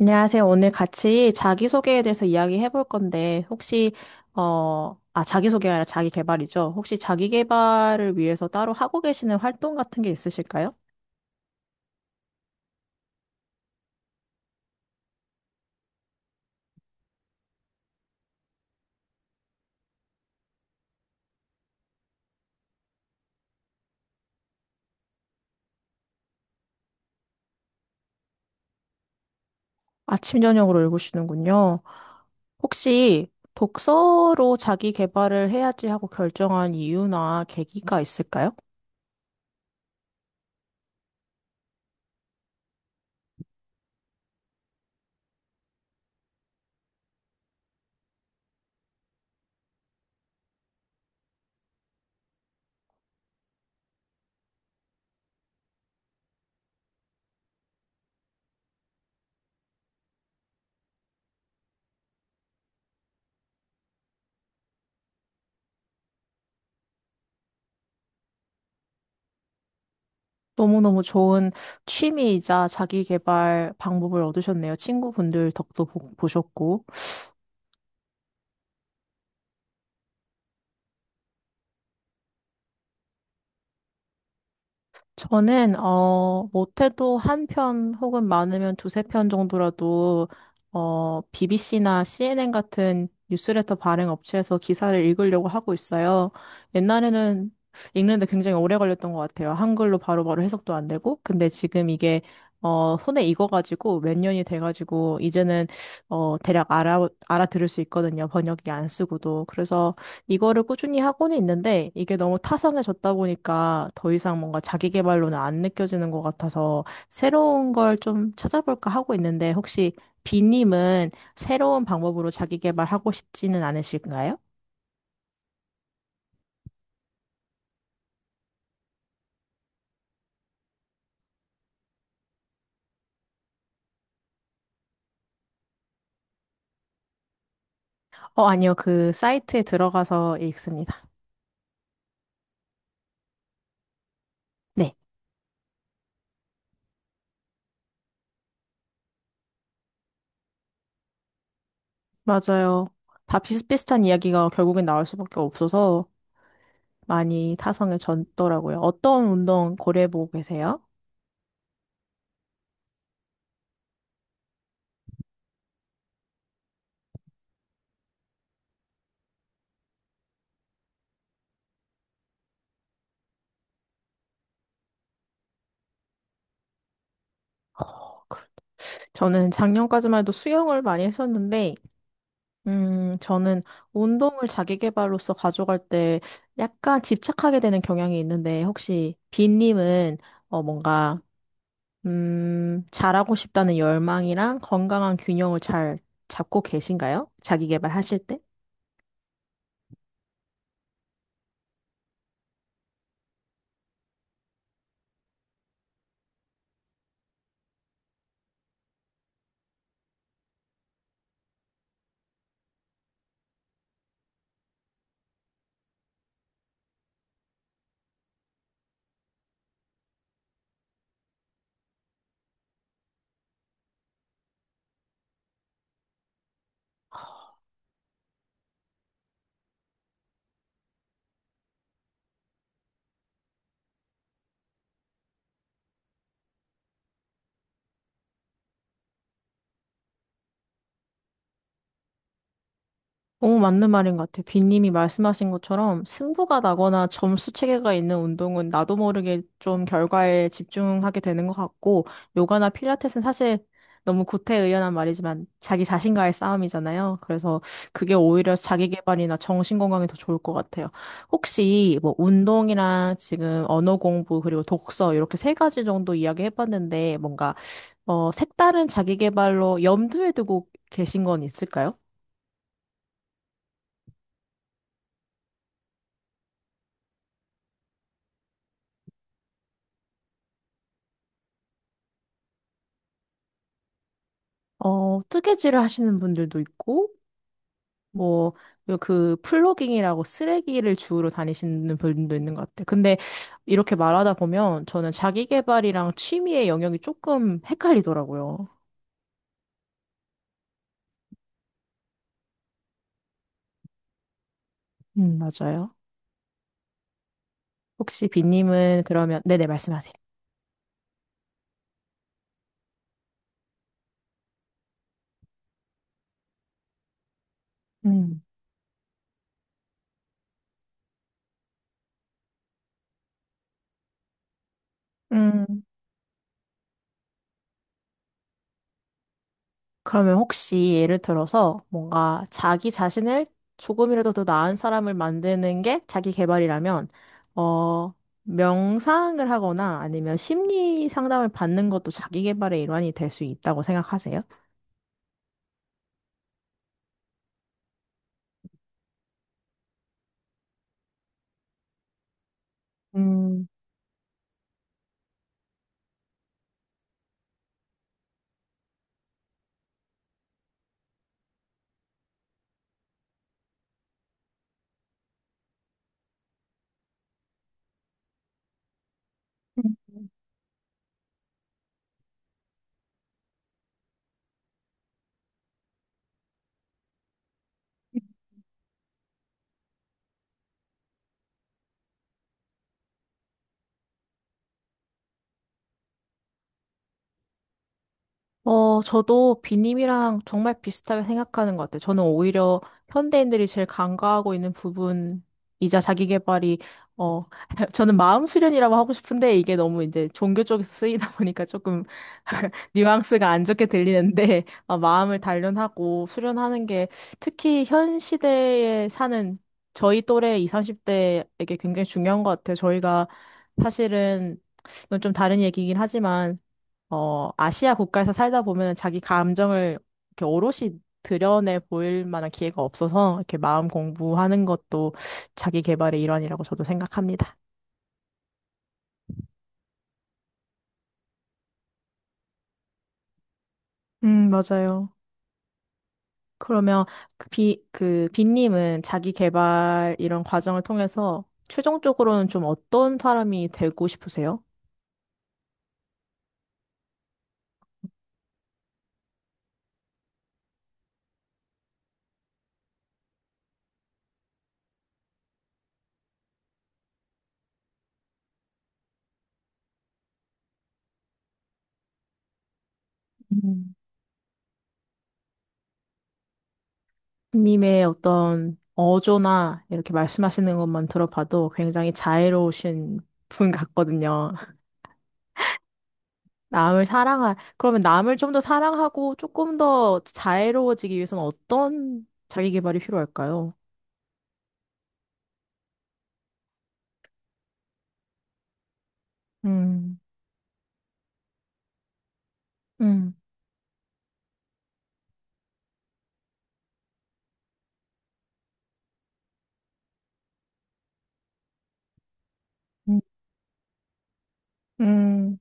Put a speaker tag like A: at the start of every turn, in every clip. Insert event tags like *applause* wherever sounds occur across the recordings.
A: 안녕하세요. 오늘 같이 자기소개에 대해서 이야기해 볼 건데, 혹시, 자기소개가 아니라 자기개발이죠. 혹시 자기개발을 위해서 따로 하고 계시는 활동 같은 게 있으실까요? 아침, 저녁으로 읽으시는군요. 혹시 독서로 자기개발을 해야지 하고 결정한 이유나 계기가 있을까요? 너무너무 좋은 취미이자 자기개발 방법을 얻으셨네요. 친구분들 덕도 보셨고. 저는, 못해도 한 편 혹은 많으면 두세 편 정도라도, BBC나 CNN 같은 뉴스레터 발행 업체에서 기사를 읽으려고 하고 있어요. 옛날에는 읽는데 굉장히 오래 걸렸던 것 같아요. 한글로 바로바로 해석도 안 되고. 근데 지금 이게, 손에 익어가지고 몇 년이 돼가지고, 이제는, 대략 알아들을 수 있거든요. 번역기 안 쓰고도. 그래서, 이거를 꾸준히 하고는 있는데 이게 너무 타성해졌다 보니까 더 이상 뭔가 자기 개발로는 안 느껴지는 것 같아서 새로운 걸 좀 찾아볼까 하고 있는데 혹시 비님은 새로운 방법으로 자기 개발하고 싶지는 않으실까요? 아니요. 그 사이트에 들어가서 읽습니다. 네, 맞아요. 다 비슷비슷한 이야기가 결국엔 나올 수밖에 없어서 많이 타성해졌더라고요. 어떤 운동 고려해보고 계세요? 어, 그- 저는 작년까지만 해도 수영을 많이 했었는데 저는 운동을 자기 개발로서 가져갈 때 약간 집착하게 되는 경향이 있는데, 혹시 빈님은 어, 뭔가, 잘하고 싶다는 열망이랑 건강한 균형을 잘 잡고 계신가요? 자기 개발 하실 때? 너무 맞는 말인 것 같아요. 빈님이 말씀하신 것처럼 승부가 나거나 점수 체계가 있는 운동은 나도 모르게 좀 결과에 집중하게 되는 것 같고, 요가나 필라테스는 사실 너무 구태의연한 말이지만 자기 자신과의 싸움이잖아요. 그래서 그게 오히려 자기 개발이나 정신 건강에 더 좋을 것 같아요. 혹시 뭐 운동이랑 지금 언어 공부 그리고 독서 이렇게 세 가지 정도 이야기 해봤는데 뭔가 색다른 자기 개발로 염두에 두고 계신 건 있을까요? 뜨개질을 하시는 분들도 있고, 뭐, 그 플로깅이라고 쓰레기를 주우러 다니시는 분도 있는 것 같아요. 근데 이렇게 말하다 보면 저는 자기 개발이랑 취미의 영역이 조금 헷갈리더라고요. 맞아요. 혹시 빈님은 그러면, 네네, 말씀하세요. 음. 음. 그러면 혹시 예를 들어서 뭔가 자기 자신을 조금이라도 더 나은 사람을 만드는 게 자기 개발이라면, 어, 명상을 하거나 아니면 심리 상담을 받는 것도 자기 개발의 일환이 될 수 있다고 생각하세요? 저도 비님이랑 정말 비슷하게 생각하는 것 같아요. 저는 오히려 현대인들이 제일 간과하고 있는 부분이자 자기개발이 어, *laughs* 저는 마음 수련이라고 하고 싶은데 이게 너무 이제 종교 쪽에서 쓰이다 보니까 조금 *laughs* 뉘앙스가 안 좋게 들리는데, *laughs* 마음을 단련하고 수련하는 게 특히 현 시대에 사는 저희 또래 20, 30대에게 굉장히 중요한 것 같아요. 저희가 사실은 이건 좀 다른 얘기긴 하지만 아시아 국가에서 살다 보면 자기 감정을 이렇게 오롯이 드러내 보일 만한 기회가 없어서 이렇게 마음 공부하는 것도 자기 개발의 일환이라고 저도 생각합니다. 맞아요. 그러면 그 비님은 자기 개발 이런 과정을 통해서 최종적으로는 좀 어떤 사람이 되고 싶으세요? 음. 님의 어떤 어조나 이렇게 말씀하시는 것만 들어봐도 굉장히 자애로우신 분 같거든요. 그러면 남을 좀 더 사랑하고 조금 더 자애로워지기 위해서는 어떤 자기 개발이 필요할까요? 음, 음, 음, 음,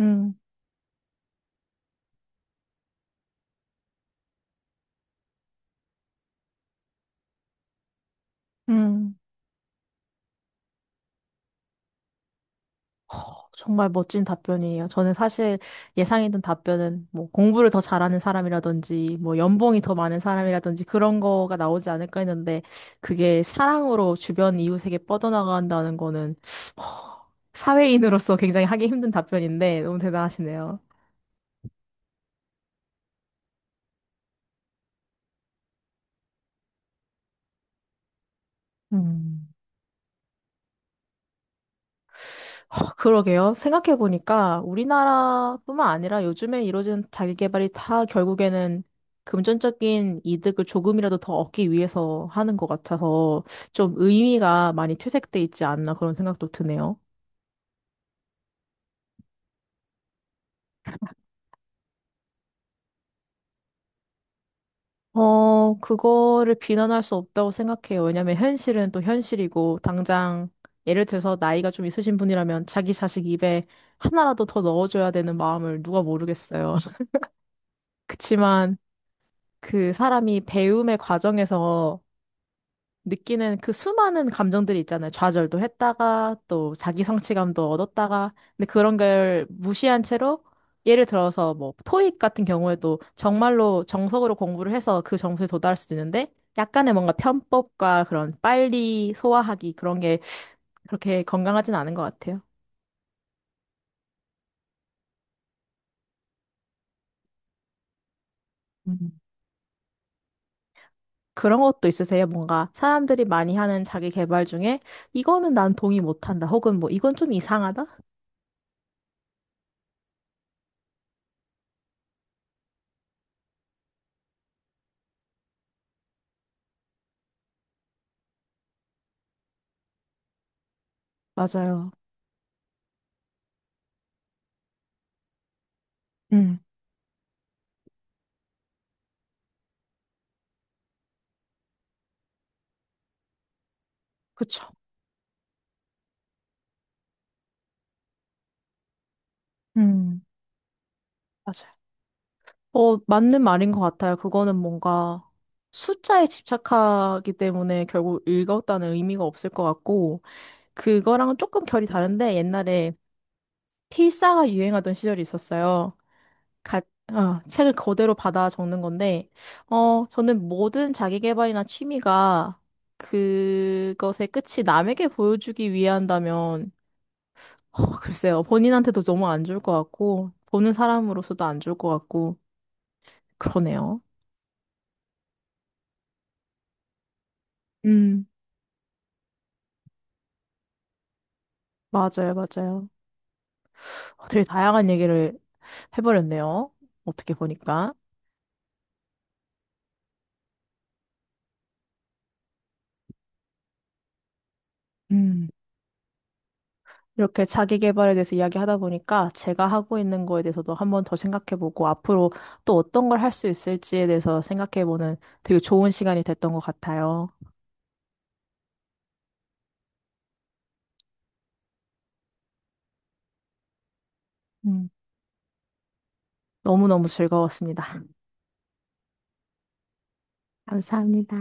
A: 음, 음. 허, 정말 멋진 답변이에요. 저는 사실 예상했던 답변은 뭐 공부를 더 잘하는 사람이라든지 뭐 연봉이 더 많은 사람이라든지 그런 거가 나오지 않을까 했는데 그게 사랑으로 주변 이웃에게 뻗어나간다는 거는 사회인으로서 *laughs* 굉장히 하기 힘든 답변인데 너무 대단하시네요. 음. 아, 그러게요. 생각해보니까 우리나라뿐만 아니라 요즘에 이루어진 자기계발이 다 결국에는 금전적인 이득을 조금이라도 더 얻기 위해서 하는 것 같아서 좀 의미가 많이 퇴색돼 있지 않나 그런 생각도 드네요. 그거를 비난할 수 없다고 생각해요. 왜냐면 현실은 또 현실이고 당장 예를 들어서 나이가 좀 있으신 분이라면 자기 자식 입에 하나라도 더 넣어줘야 되는 마음을 누가 모르겠어요. *laughs* 그치만 그 사람이 배움의 과정에서 느끼는 그 수많은 감정들이 있잖아요. 좌절도 했다가 또 자기 성취감도 얻었다가 근데 그런 걸 무시한 채로 예를 들어서 뭐 토익 같은 경우에도 정말로 정석으로 공부를 해서 그 점수에 도달할 수도 있는데 약간의 뭔가 편법과 그런 빨리 소화하기 그런 게 그렇게 건강하진 않은 것 같아요. 음. 그런 것도 있으세요? 뭔가 사람들이 많이 하는 자기 개발 중에 이거는 난 동의 못한다. 혹은 뭐 이건 좀 이상하다? 맞아요. 음, 그쵸. 맞아요. 맞는 말인 것 같아요. 그거는 뭔가 숫자에 집착하기 때문에 결국 읽었다는 의미가 없을 것 같고, 그거랑은 조금 결이 다른데, 옛날에 필사가 유행하던 시절이 있었어요. 가, 책을 그대로 받아 적는 건데, 저는 모든 자기계발이나 취미가 그것의 끝이 남에게 보여주기 위한다면, 글쎄요. 본인한테도 너무 안 좋을 것 같고, 보는 사람으로서도 안 좋을 것 같고, 그러네요. 음. 맞아요, 맞아요. 되게 다양한 얘기를 해버렸네요. 어떻게 보니까. 음. 이렇게 자기 개발에 대해서 이야기하다 보니까 제가 하고 있는 거에 대해서도 한번 더 생각해보고 앞으로 또 어떤 걸 할 수 있을지에 대해서 생각해보는 되게 좋은 시간이 됐던 것 같아요. 음. 너무너무 즐거웠습니다. 감사합니다.